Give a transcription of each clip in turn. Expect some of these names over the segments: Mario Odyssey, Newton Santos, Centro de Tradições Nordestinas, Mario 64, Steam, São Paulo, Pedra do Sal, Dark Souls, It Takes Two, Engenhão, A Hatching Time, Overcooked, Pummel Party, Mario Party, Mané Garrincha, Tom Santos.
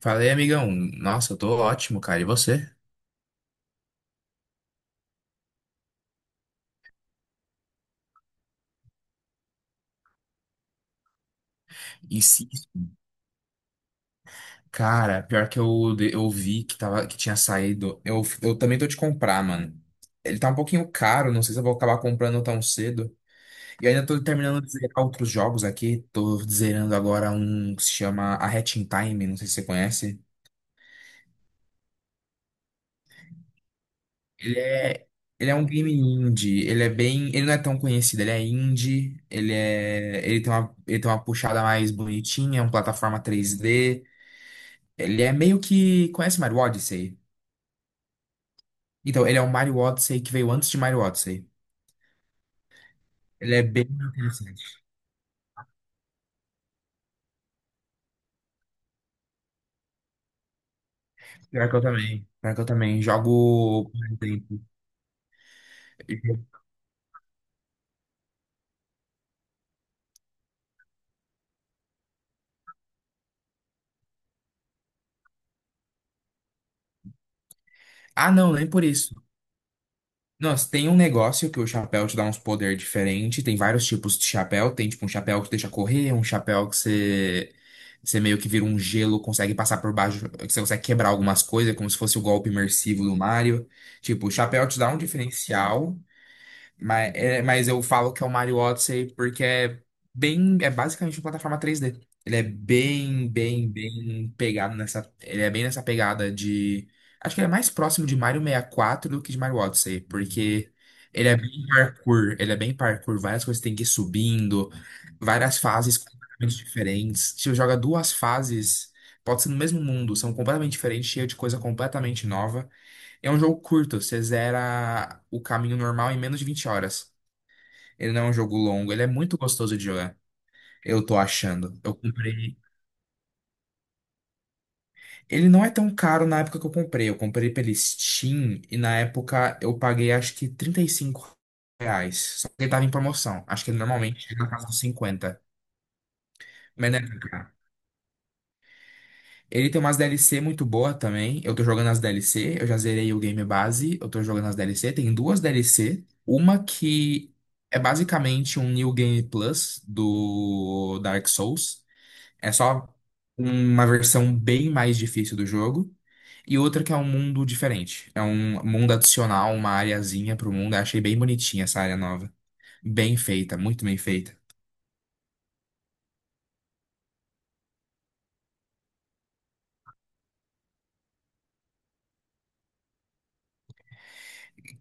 Falei, amigão. Nossa, eu tô ótimo, cara. E você? E se... Cara, pior que eu, eu vi que tinha saído. Eu também tô de comprar, mano. Ele tá um pouquinho caro, não sei se eu vou acabar comprando tão cedo. E ainda tô terminando de zerar outros jogos aqui. Tô zerando agora um que se chama A Hatching Time, não sei se você conhece. Ele é, ele é um game indie, ele não é tão conhecido, ele é indie, ele tem uma puxada mais bonitinha, é uma plataforma 3D. Ele é meio que. Conhece Mario Odyssey? Então, ele é um Mario Odyssey que veio antes de Mario Odyssey. Ele é bem interessante. Pior que eu também. Pior que eu também. Jogo. Por exemplo. Ah, não, nem por isso. Nossa, tem um negócio que o chapéu te dá uns poder diferente. Tem vários tipos de chapéu. Tem tipo um chapéu que deixa correr, um chapéu que você. Você meio que vira um gelo, consegue passar por baixo, que você consegue quebrar algumas coisas, como se fosse o golpe imersivo do Mario. Tipo, o chapéu te dá um diferencial. Mas, mas eu falo que é o Mario Odyssey porque é bem, é basicamente uma plataforma 3D. Ele é bem, bem, bem pegado nessa, ele é bem nessa pegada de, acho que ele é mais próximo de Mario 64 do que de Mario Odyssey, porque ele é bem parkour, ele é bem parkour, várias coisas tem que ir subindo, várias fases completamente diferentes. Se você joga duas fases, pode ser no mesmo mundo, são completamente diferentes, cheio de coisa completamente nova. É um jogo curto, você zera o caminho normal em menos de 20 horas. Ele não é um jogo longo, ele é muito gostoso de jogar. Eu tô achando. Eu comprei. Ele não é tão caro na época que eu comprei. Eu comprei pela Steam e na época eu paguei acho que R$ 35. Só que ele tava em promoção. Acho que ele normalmente chega na casa dos 50. Mas não é caro. Ele tem umas DLC muito boa também. Eu tô jogando as DLC, eu já zerei o game base, eu tô jogando as DLC. Tem duas DLC, uma que é basicamente um New Game Plus do Dark Souls. É só uma versão bem mais difícil do jogo. E outra que é um mundo diferente. É um mundo adicional, uma areazinha pro mundo. Eu achei bem bonitinha essa área nova. Bem feita, muito bem feita.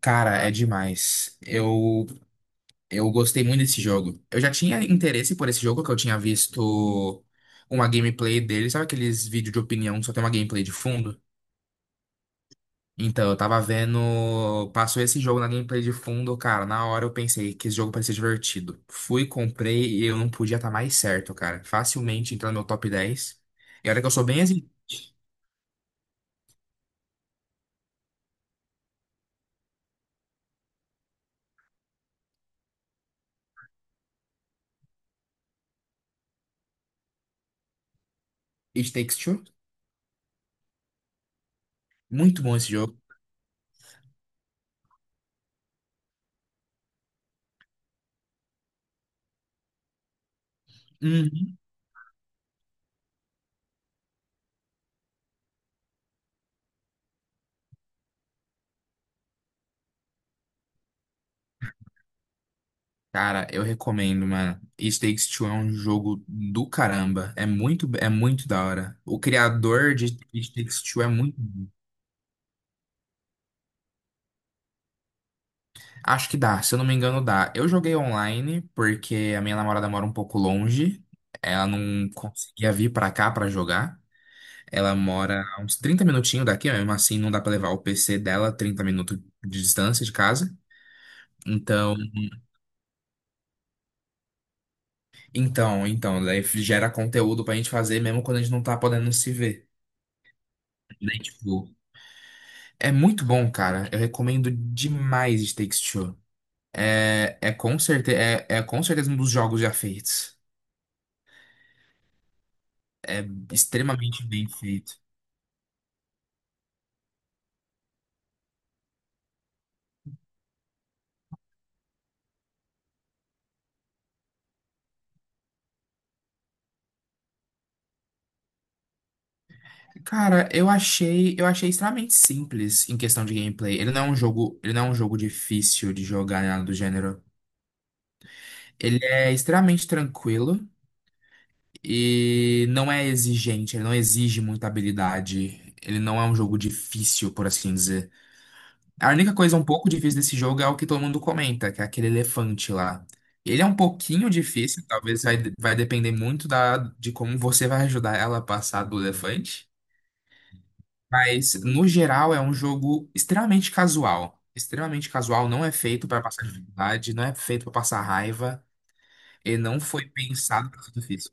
Cara, é demais. Eu gostei muito desse jogo. Eu já tinha interesse por esse jogo, que eu tinha visto uma gameplay dele. Sabe aqueles vídeos de opinião que só tem uma gameplay de fundo? Então, eu tava vendo. Passou esse jogo na gameplay de fundo, cara. Na hora eu pensei que esse jogo parecia divertido. Fui, comprei e eu não podia estar mais certo, cara. Facilmente entrou no meu top 10. E olha que eu sou bem assim. It Takes Two. Muito bom esse jogo. Uhum. Cara, eu recomendo, mano. It Takes Two é um jogo do caramba. É muito da hora. O criador de It Takes Two é muito. Acho que dá, se eu não me engano, dá. Eu joguei online porque a minha namorada mora um pouco longe. Ela não conseguia vir pra cá pra jogar. Ela mora a uns 30 minutinhos daqui, mesmo assim não dá pra levar o PC dela 30 minutos de distância de casa. Então, então, daí gera conteúdo pra gente fazer mesmo quando a gente não tá podendo se ver, né? Tipo, é muito bom, cara. Eu recomendo demais It Takes Two. É com certeza um dos jogos já feitos. Extremamente bem feito. Cara, eu achei extremamente simples em questão de gameplay. Ele não é um jogo difícil de jogar, nada do gênero. Ele é extremamente tranquilo e não é exigente, ele não exige muita habilidade. Ele não é um jogo difícil, por assim dizer. A única coisa um pouco difícil desse jogo é o que todo mundo comenta, que é aquele elefante lá. Ele é um pouquinho difícil, talvez vai depender muito da, de como você vai ajudar ela a passar do elefante. Mas, no geral, é um jogo extremamente casual. Extremamente casual, não é feito para passar dificuldade, não é feito para passar raiva, e não foi pensado para ser difícil.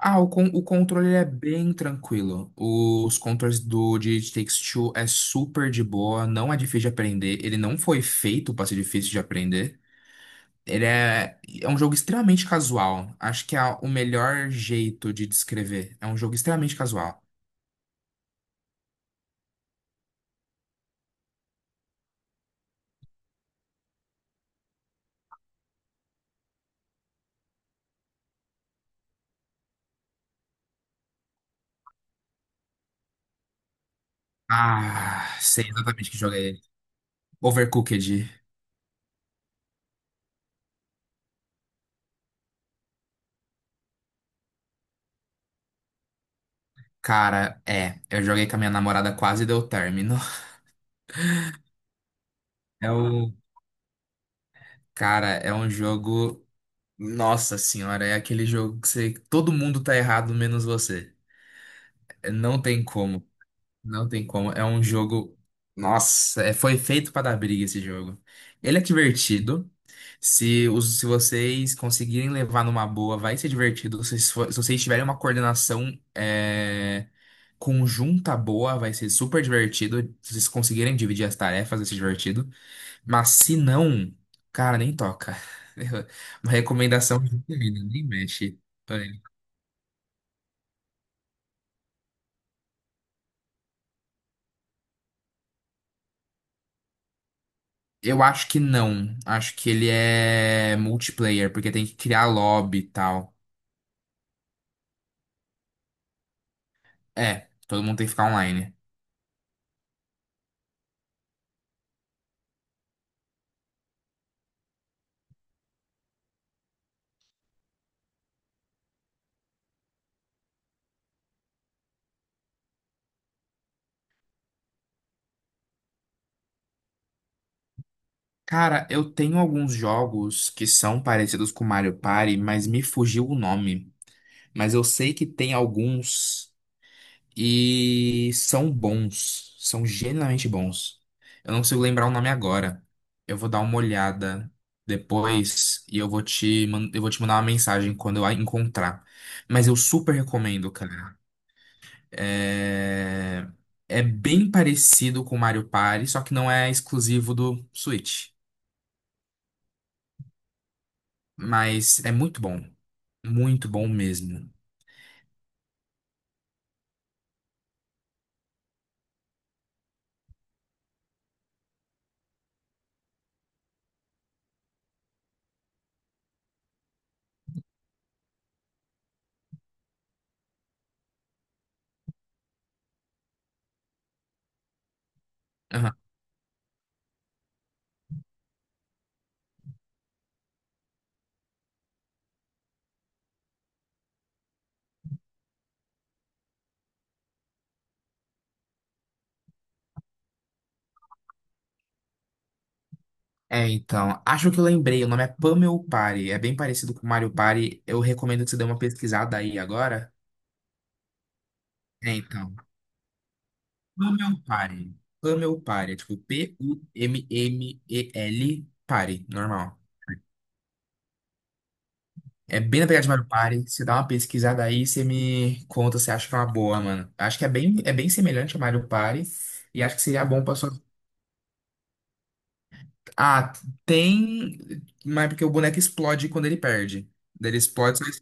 Ah, o controle ele é bem tranquilo. Os controles do de It Takes Two é super de boa, não é difícil de aprender. Ele não foi feito para ser difícil de aprender. É um jogo extremamente casual. Acho que é o melhor jeito de descrever. É um jogo extremamente casual. Ah, sei exatamente que jogo é ele. Overcooked. Cara, é. Eu joguei com a minha namorada, quase deu término. É o. Cara, é um jogo. Nossa senhora, é aquele jogo que todo mundo tá errado menos você. É, não tem como, não tem como. É um jogo. Nossa, foi feito pra dar briga esse jogo. Ele é divertido. Se vocês conseguirem levar numa boa, vai ser divertido. Se vocês tiverem uma coordenação é, conjunta boa, vai ser super divertido. Se vocês conseguirem dividir as tarefas, vai ser divertido. Mas se não, cara, nem toca. Uma recomendação de comida, nem mexe. Olha, eu acho que não. Acho que ele é multiplayer, porque tem que criar lobby e tal. É, todo mundo tem que ficar online. Cara, eu tenho alguns jogos que são parecidos com Mario Party, mas me fugiu o nome. Mas eu sei que tem alguns. E são bons. São genuinamente bons. Eu não consigo lembrar o nome agora. Eu vou dar uma olhada depois e eu vou te, eu vou te mandar uma mensagem quando eu a encontrar. Mas eu super recomendo, cara. É, é bem parecido com Mario Party, só que não é exclusivo do Switch. Mas é muito bom. Muito bom mesmo. Aham. É, então, acho que eu lembrei, o nome é Pummel Party, é bem parecido com Mario Party, eu recomendo que você dê uma pesquisada aí agora. É, então, Pummel Party, Pummel Party, é tipo Pummel Party, normal. É bem na pegada de Mario Party, você dá uma pesquisada aí, você me conta se acha que é uma boa, mano. Acho que é bem semelhante a Mario Party, e acho que seria bom pra sua... Ah, tem, mas é porque o boneco explode quando ele perde. Daí ele explode, mas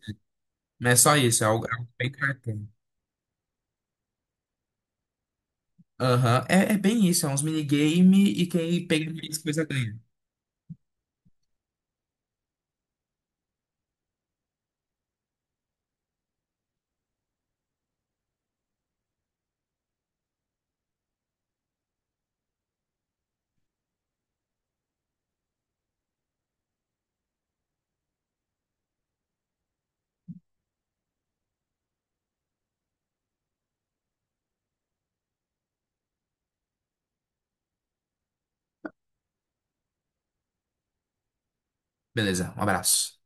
não é só isso, é algo bem cartoon. Aham, é, é bem isso, é uns minigame e quem pega mais coisa ganha. Beleza, um abraço.